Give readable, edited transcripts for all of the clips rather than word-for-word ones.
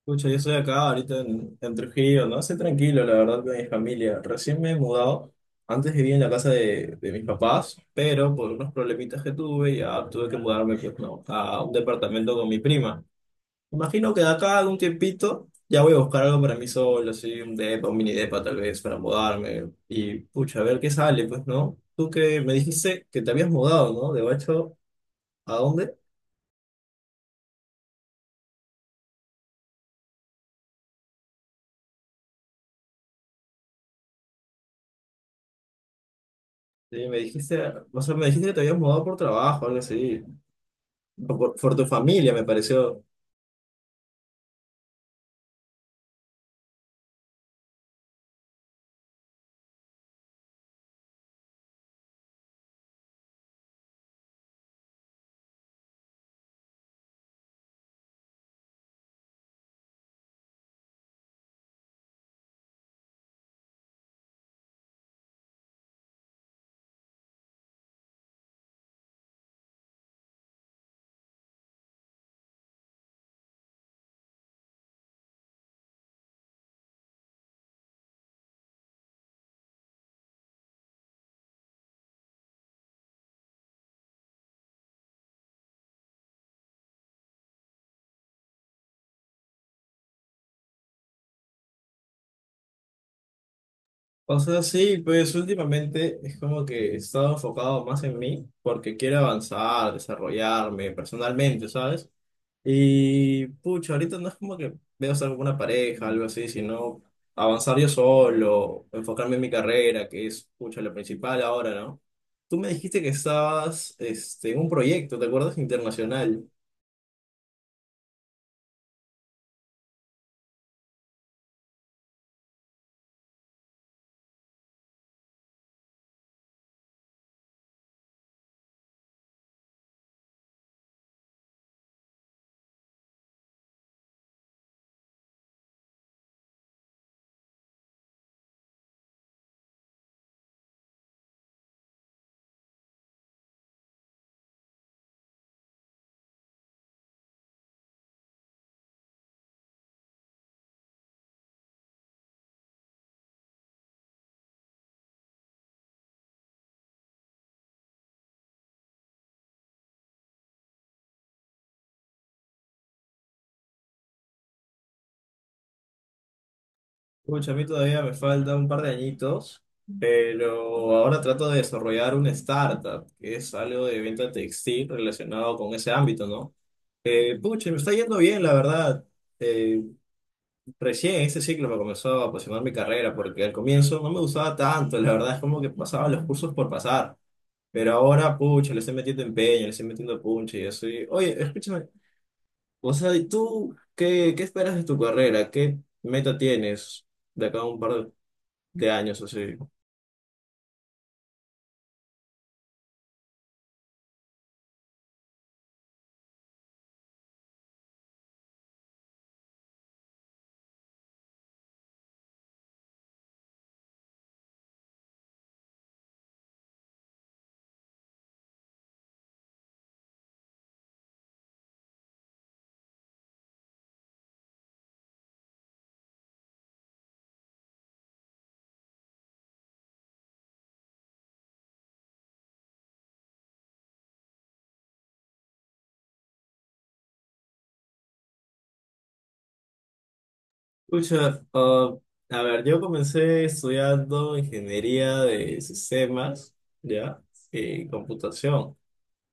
Escucha, yo estoy acá ahorita en Trujillo, ¿no? Estoy tranquilo, la verdad, con mi familia. Recién me he mudado. Antes vivía en la casa de mis papás, pero por unos problemitas que tuve, ya tuve que mudarme, pues, no, a un departamento con mi prima. Imagino que de acá a un tiempito ya voy a buscar algo para mí solo, así, un depa, un mini depa tal vez, para mudarme. Y, pucha, a ver qué sale, pues, ¿no? Tú que me dijiste que te habías mudado, ¿no? De hecho, ¿a dónde? Sí, me dijiste, o sea, me dijiste que te habías mudado por trabajo, algo así. O por tu familia, me pareció. O sea, sí, pues últimamente es como que he estado enfocado más en mí porque quiero avanzar, desarrollarme personalmente, ¿sabes? Y pucha, ahorita no es como que veo estar con una pareja, algo así, sino avanzar yo solo, enfocarme en mi carrera, que es, pucha, lo principal ahora, ¿no? Tú me dijiste que estabas este, en un proyecto, ¿te acuerdas? Internacional. Pucha, a mí todavía me falta un par de añitos, pero ahora trato de desarrollar una startup, que es algo de venta textil relacionado con ese ámbito, ¿no? Pucha, me está yendo bien, la verdad. Eh, Recién este ciclo me comenzó a apasionar mi carrera, porque al comienzo no me gustaba tanto, la verdad es como que pasaba los cursos por pasar, pero ahora, pucha, le estoy metiendo empeño, le estoy metiendo punche y eso. Oye, escúchame, o sea, ¿y tú qué, qué esperas de tu carrera? ¿Qué meta tienes de acá a un par de años así? Pucha, ah, a ver, yo comencé estudiando ingeniería de sistemas, ¿ya? Y computación.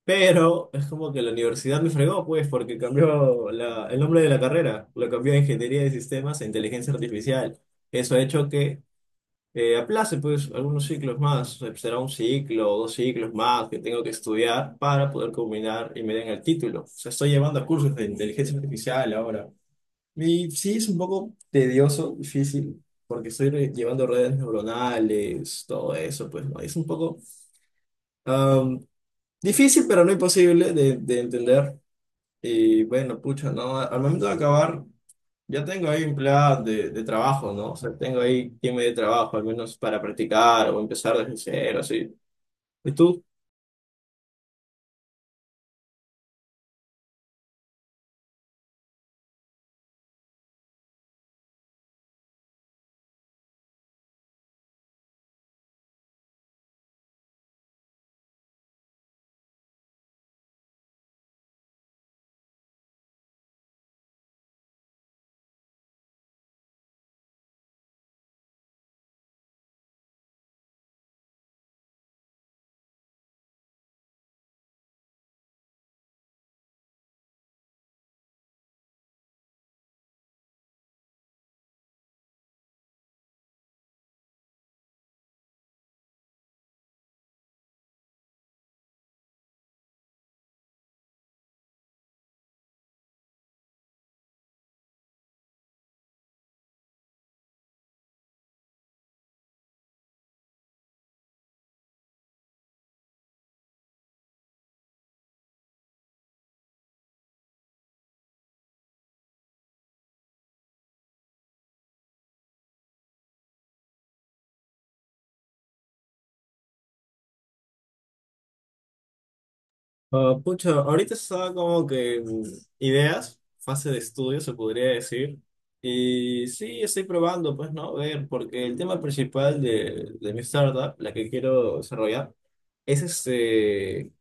Pero es como que la universidad me fregó, pues, porque cambió el nombre de la carrera. Lo cambió de ingeniería de sistemas a inteligencia artificial. Eso ha hecho que aplace, pues, algunos ciclos más. O sea, será un ciclo o dos ciclos más que tengo que estudiar para poder combinar y me den el título. O sea, estoy llevando cursos de inteligencia artificial ahora. Y sí, es un poco tedioso, difícil, porque estoy llevando redes neuronales, todo eso, pues, ¿no? Es un poco am, difícil, pero no imposible de entender. Y bueno, pucha, ¿no? Al momento de acabar, ya tengo ahí empleadas de trabajo, ¿no? O sea, tengo ahí quien me dé trabajo, al menos para practicar o empezar desde cero, así. ¿Y tú? Ah, pucha, ahorita estaba como que en ideas, fase de estudio se podría decir. Y sí, estoy probando, pues no, ver, porque el tema principal de mi startup, la que quiero desarrollar, es este,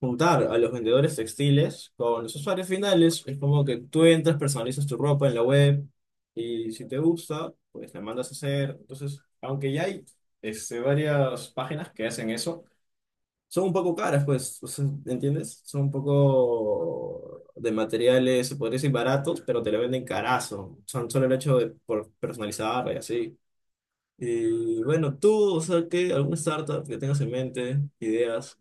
juntar a los vendedores textiles con los usuarios finales. Es como que tú entras, personalizas tu ropa en la web y si te gusta, pues la mandas a hacer. Entonces, aunque ya hay este, varias páginas que hacen eso son un poco caras, pues, o sea, ¿entiendes? Son un poco de materiales, se podría decir baratos, pero te lo venden carazo. Son solo el hecho de por personalizar y así. Y bueno, tú, o sea, ¿qué? ¿Alguna startup que tengas en mente? ¿Ideas?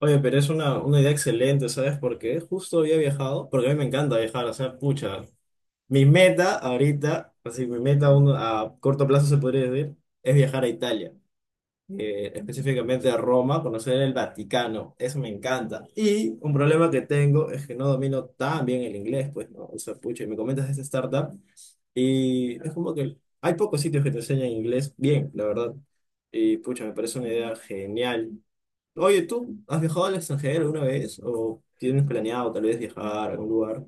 Oye, pero es una idea excelente, ¿sabes? Porque justo había viajado, porque a mí me encanta viajar, o sea, pucha. Mi meta ahorita, así, mi meta a corto plazo se podría decir, es viajar a Italia. Específicamente a Roma, conocer el Vaticano, eso me encanta. Y un problema que tengo es que no domino tan bien el inglés, pues, ¿no? O sea, pucha, y me comentas de esta startup y es como que hay pocos sitios que te enseñan inglés bien, la verdad. Y pucha, me parece una idea genial. Oye, ¿tú has viajado al extranjero alguna vez? ¿O tienes planeado tal vez viajar a algún lugar?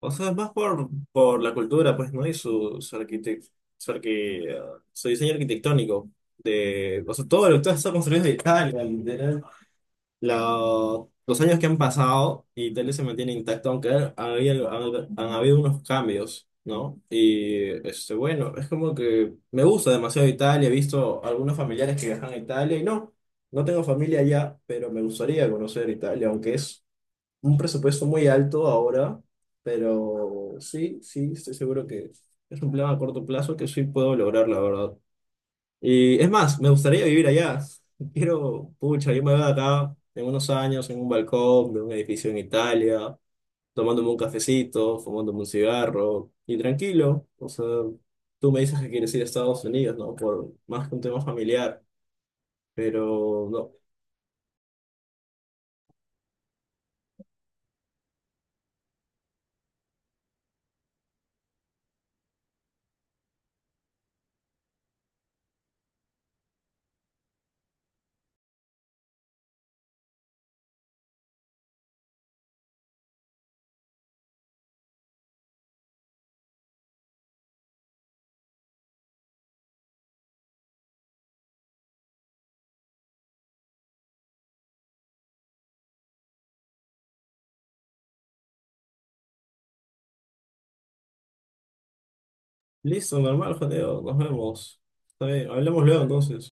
O sea, es más por la cultura, pues, ¿no? Y su, su diseño arquitectónico. De, o sea, todo lo que está construido en Italia, literal. Los años que han pasado, Italia se mantiene intacto, aunque han habido unos cambios, ¿no? Y, este, bueno, es como que me gusta demasiado Italia. He visto algunos familiares que viajan a Italia y no, no tengo familia allá, pero me gustaría conocer Italia, aunque es un presupuesto muy alto ahora, pero sí, sí, estoy seguro que es un plan a corto plazo que sí puedo lograr, la verdad. Y es más, me gustaría vivir allá. Quiero, pucha, yo me veo acá en unos años en un balcón de un edificio en Italia, tomándome un cafecito, fumándome un cigarro y tranquilo. O sea, tú me dices que quieres ir a Estados Unidos, ¿no? Por más que un tema familiar, pero no. Listo, normal, Jadeo, nos vemos. Está bien, hablamos luego entonces.